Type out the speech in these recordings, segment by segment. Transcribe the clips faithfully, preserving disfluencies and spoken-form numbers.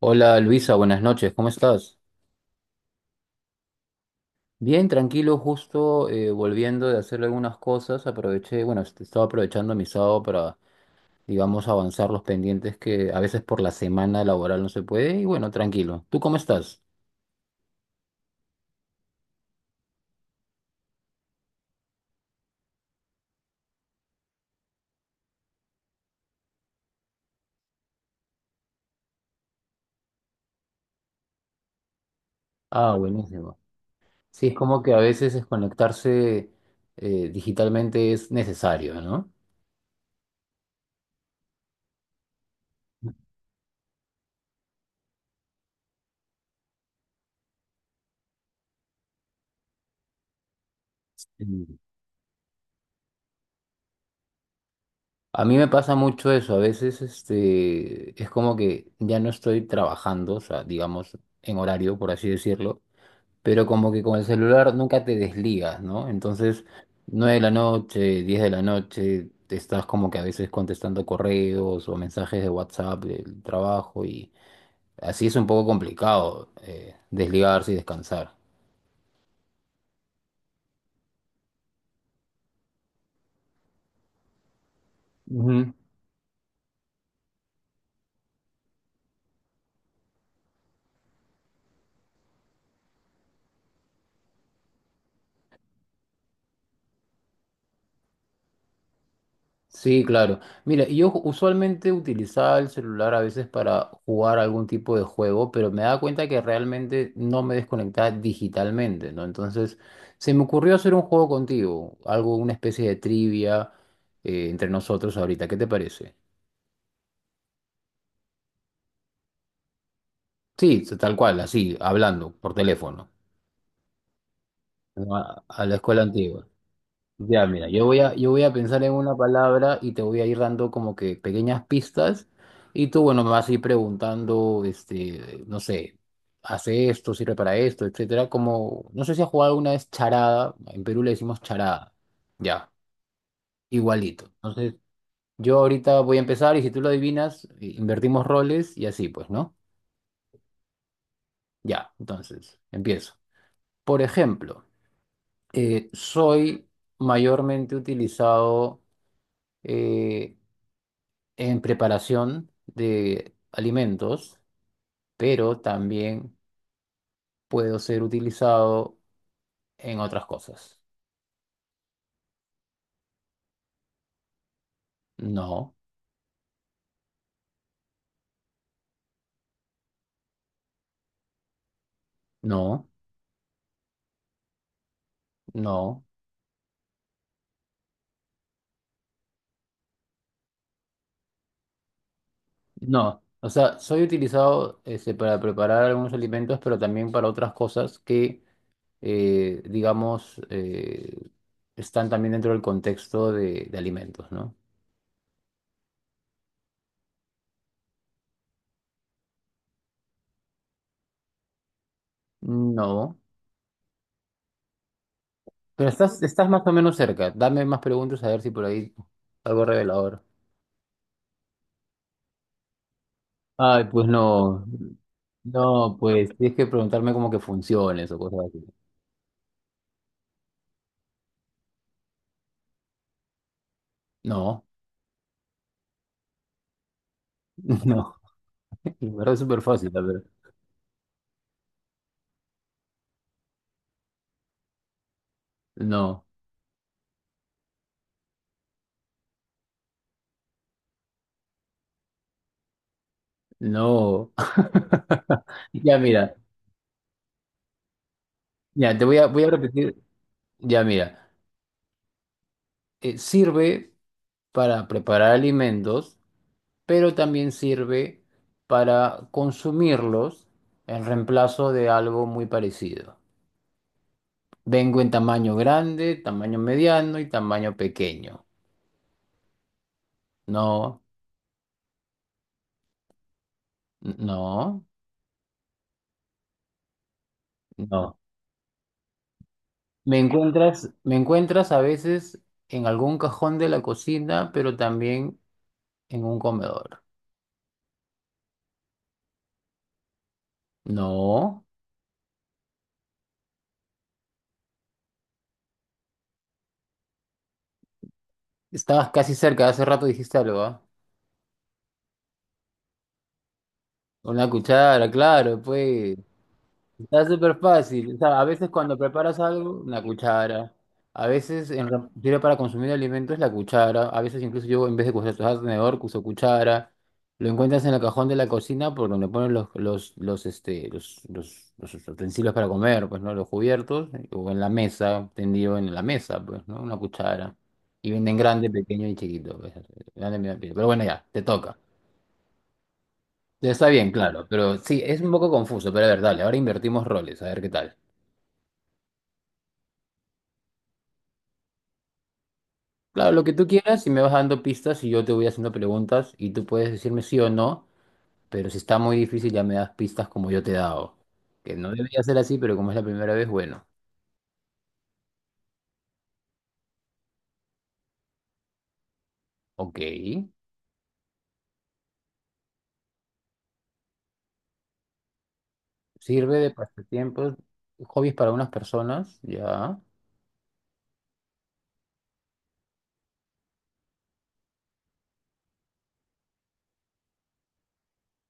Hola Luisa, buenas noches, ¿cómo estás? Bien, tranquilo, justo eh, volviendo de hacer algunas cosas, aproveché, bueno, est- estaba aprovechando mi sábado para, digamos, avanzar los pendientes que a veces por la semana laboral no se puede, y bueno, tranquilo. ¿Tú cómo estás? Ah, buenísimo. Sí, es como que a veces desconectarse eh, digitalmente es necesario, ¿no? Mm. A mí me pasa mucho eso, a veces este, es como que ya no estoy trabajando, o sea, digamos, en horario, por así decirlo, pero como que con el celular nunca te desligas, ¿no? Entonces, nueve de la noche, diez de la noche, te estás como que a veces contestando correos o mensajes de WhatsApp del trabajo y así es un poco complicado eh, desligarse y descansar. Ujú. Sí, claro. Mira, yo ju- usualmente utilizaba el celular a veces para jugar algún tipo de juego, pero me daba cuenta que realmente no me desconectaba digitalmente, ¿no? Entonces, se me ocurrió hacer un juego contigo, algo, una especie de trivia eh, entre nosotros ahorita. ¿Qué te parece? Sí, tal cual, así, hablando por teléfono, ¿no? a a la escuela antigua. Ya, mira, yo voy a, yo voy a pensar en una palabra y te voy a ir dando como que pequeñas pistas y tú, bueno, me vas a ir preguntando, este, no sé, hace esto, sirve para esto, etcétera, como, no sé si has jugado alguna vez charada, en Perú le decimos charada, ya, igualito. Entonces, yo ahorita voy a empezar y si tú lo adivinas, i- invertimos roles y así, pues, ¿no? Ya, entonces, empiezo. Por ejemplo, eh, soy mayormente utilizado... eh, en preparación de alimentos, pero también puedo ser utilizado en otras cosas. No, no, no, no. O sea, soy utilizado este, para preparar algunos alimentos, pero también para otras cosas que, eh, digamos, eh, están también dentro del contexto de, de alimentos, ¿no? No. Pero estás, estás más o menos cerca. Dame más preguntas a ver si por ahí algo revelador. Ay, pues no. No, pues tienes que preguntarme cómo que funciones o cosas así. No, no, en verdad es súper fácil, la verdad. No, no. Ya mira, ya te voy a, voy a repetir. Ya mira, eh, sirve para preparar alimentos, pero también sirve para consumirlos en reemplazo de algo muy parecido. Vengo en tamaño grande, tamaño mediano y tamaño pequeño. No, n- no, no. Me encuentras, me encuentras a veces en algún cajón de la cocina, pero también en un comedor. No, estabas casi cerca, hace rato dijiste algo, ¿ah? Una cuchara, claro, pues. Está súper fácil. O sea, a veces cuando preparas algo, la cuchara. A veces en re- sirve para consumir alimentos la cuchara. A veces incluso yo en vez de usar tenedor, uso cuchara. Lo encuentras en el cajón de la cocina por donde ponen los, los, los, este, los, los, los utensilios para comer, pues, ¿no? Los cubiertos. eh, O en la mesa, tendido en la mesa, pues, ¿no? Una cuchara. Y venden grande, pequeño y chiquito, pues, grande, medio, pequeño. Pero bueno, ya, te toca. Está bien, claro. Pero sí, es un poco confuso. Pero a ver, dale, ahora invertimos roles, a ver qué tal. Claro, lo que tú quieras y me vas dando pistas y yo te voy haciendo preguntas y tú puedes decirme sí o no, pero si está muy difícil ya me das pistas como yo te he dado. Que no debería ser así, pero como es la primera vez, bueno, ok. Sirve de pasatiempos, hobbies para unas personas, ya.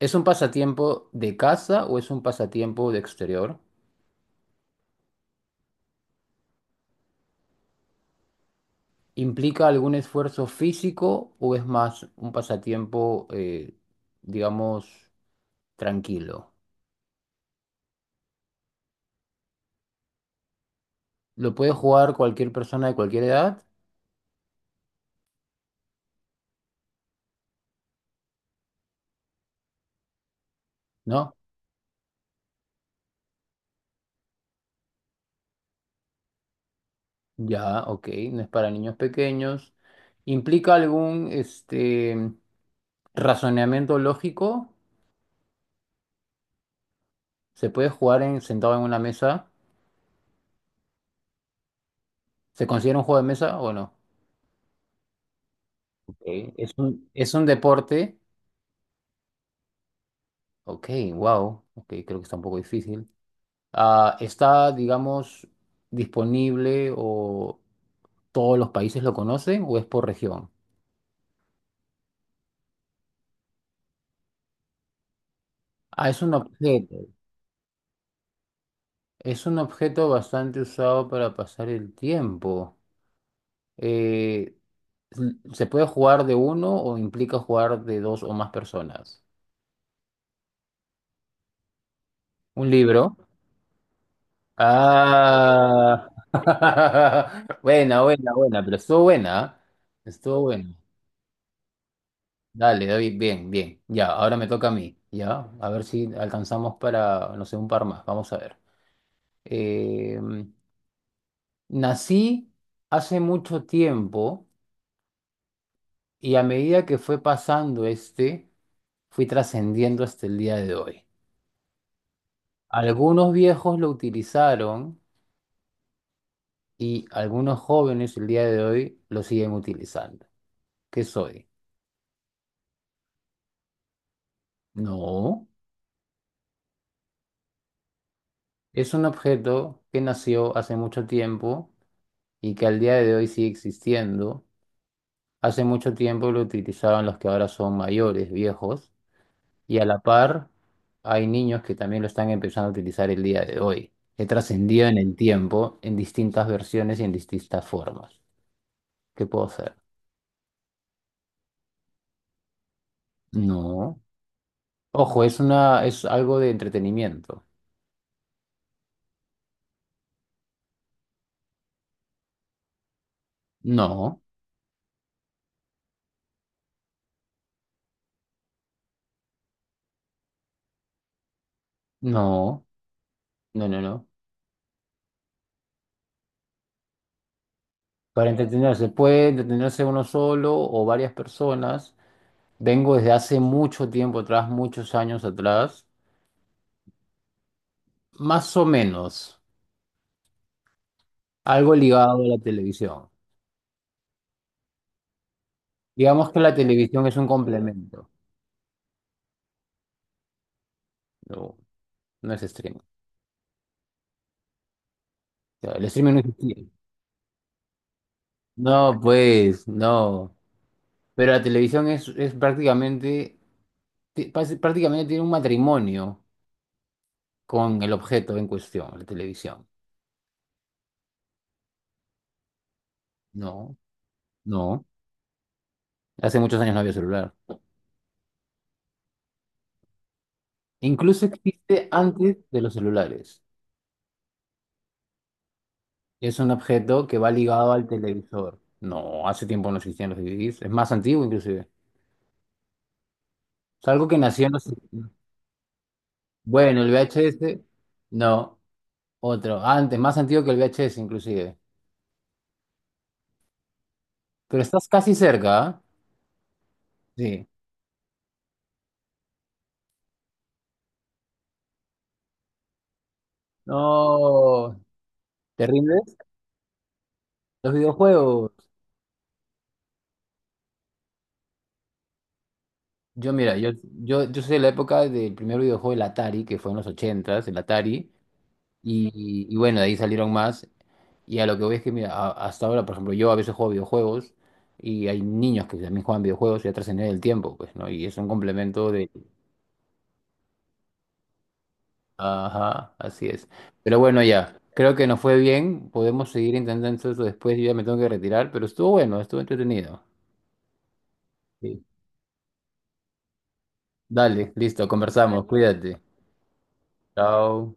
¿Es un pasatiempo de casa o es un pasatiempo de exterior? ¿Implica algún esfuerzo físico o es más un pasatiempo, eh, digamos, tranquilo? ¿Lo puede jugar cualquier persona de cualquier edad? ¿No? Ya, ok, no es para niños pequeños. ¿Implica algún este razonamiento lógico? ¿Se puede jugar en, sentado en una mesa? ¿Se considera un juego de mesa o no? Ok, ¿es un, es un deporte? Ok, wow. Ok, creo que está un poco difícil. Ah, ¿está, digamos, disponible o todos los países lo conocen o es por región? Ah, es un objeto. Es un objeto bastante usado para pasar el tiempo. Eh, mm, ¿Se puede jugar de uno o implica jugar de dos o más personas? ¿Un libro? Ah. Buena, buena, buena, pero estuvo buena, ¿ah? Estuvo buena. Dale, David, bien, bien. Ya, ahora me toca a mí. Ya, a ver si alcanzamos para, no sé, un par más. Vamos a ver. Eh, nací hace mucho tiempo y a medida que fue pasando este, fui trascendiendo hasta el día de hoy. Algunos viejos lo utilizaron y algunos jóvenes el día de hoy lo siguen utilizando. ¿Qué soy? No, es un objeto que nació hace mucho tiempo y que al día de hoy sigue existiendo. Hace mucho tiempo lo utilizaban los que ahora son mayores, viejos, y a la par hay niños que también lo están empezando a utilizar el día de hoy. He trascendido en el tiempo en distintas versiones y en distintas formas. ¿Qué puedo hacer? No. Ojo, es una, es algo de entretenimiento. No, no. No, no, no. Para entretenerse, puede entretenerse uno solo o varias personas. Vengo desde hace mucho tiempo atrás, muchos años atrás, más o menos, algo ligado a la televisión. Digamos que la televisión es un complemento, no, no es streaming. O sea, el streaming no existía. No, pues, no. Pero la televisión es, es prácticamente, ti- pas- prácticamente tiene un matrimonio con el objeto en cuestión, la televisión. No, no. Hace muchos años no había celular. Incluso existe antes de los celulares. Es un objeto que va ligado al televisor. No, hace tiempo no existían los D V Ds. Es más antiguo inclusive. Es algo que nació en los... Bueno, el V H S, no, otro. Antes, más antiguo que el V H S inclusive. Pero estás casi cerca, ¿ah? Sí. No, ¿te rindes? Los videojuegos. Yo mira, yo, yo, yo soy de la época del primer videojuego, el Atari, que fue en los ochentas, el Atari. Y, y bueno, de ahí salieron más. Y a lo que voy es que, mira, a- hasta ahora, por ejemplo, yo a veces juego videojuegos y hay niños que también juegan videojuegos y ya trascendí el tiempo, pues, ¿no? Y es un complemento de... Ajá, así es. Pero bueno, ya, creo que nos fue bien. Podemos seguir intentando eso después. Yo ya me tengo que retirar, pero estuvo bueno, estuvo entretenido. Sí. Dale, listo, conversamos. Cuídate. Chao.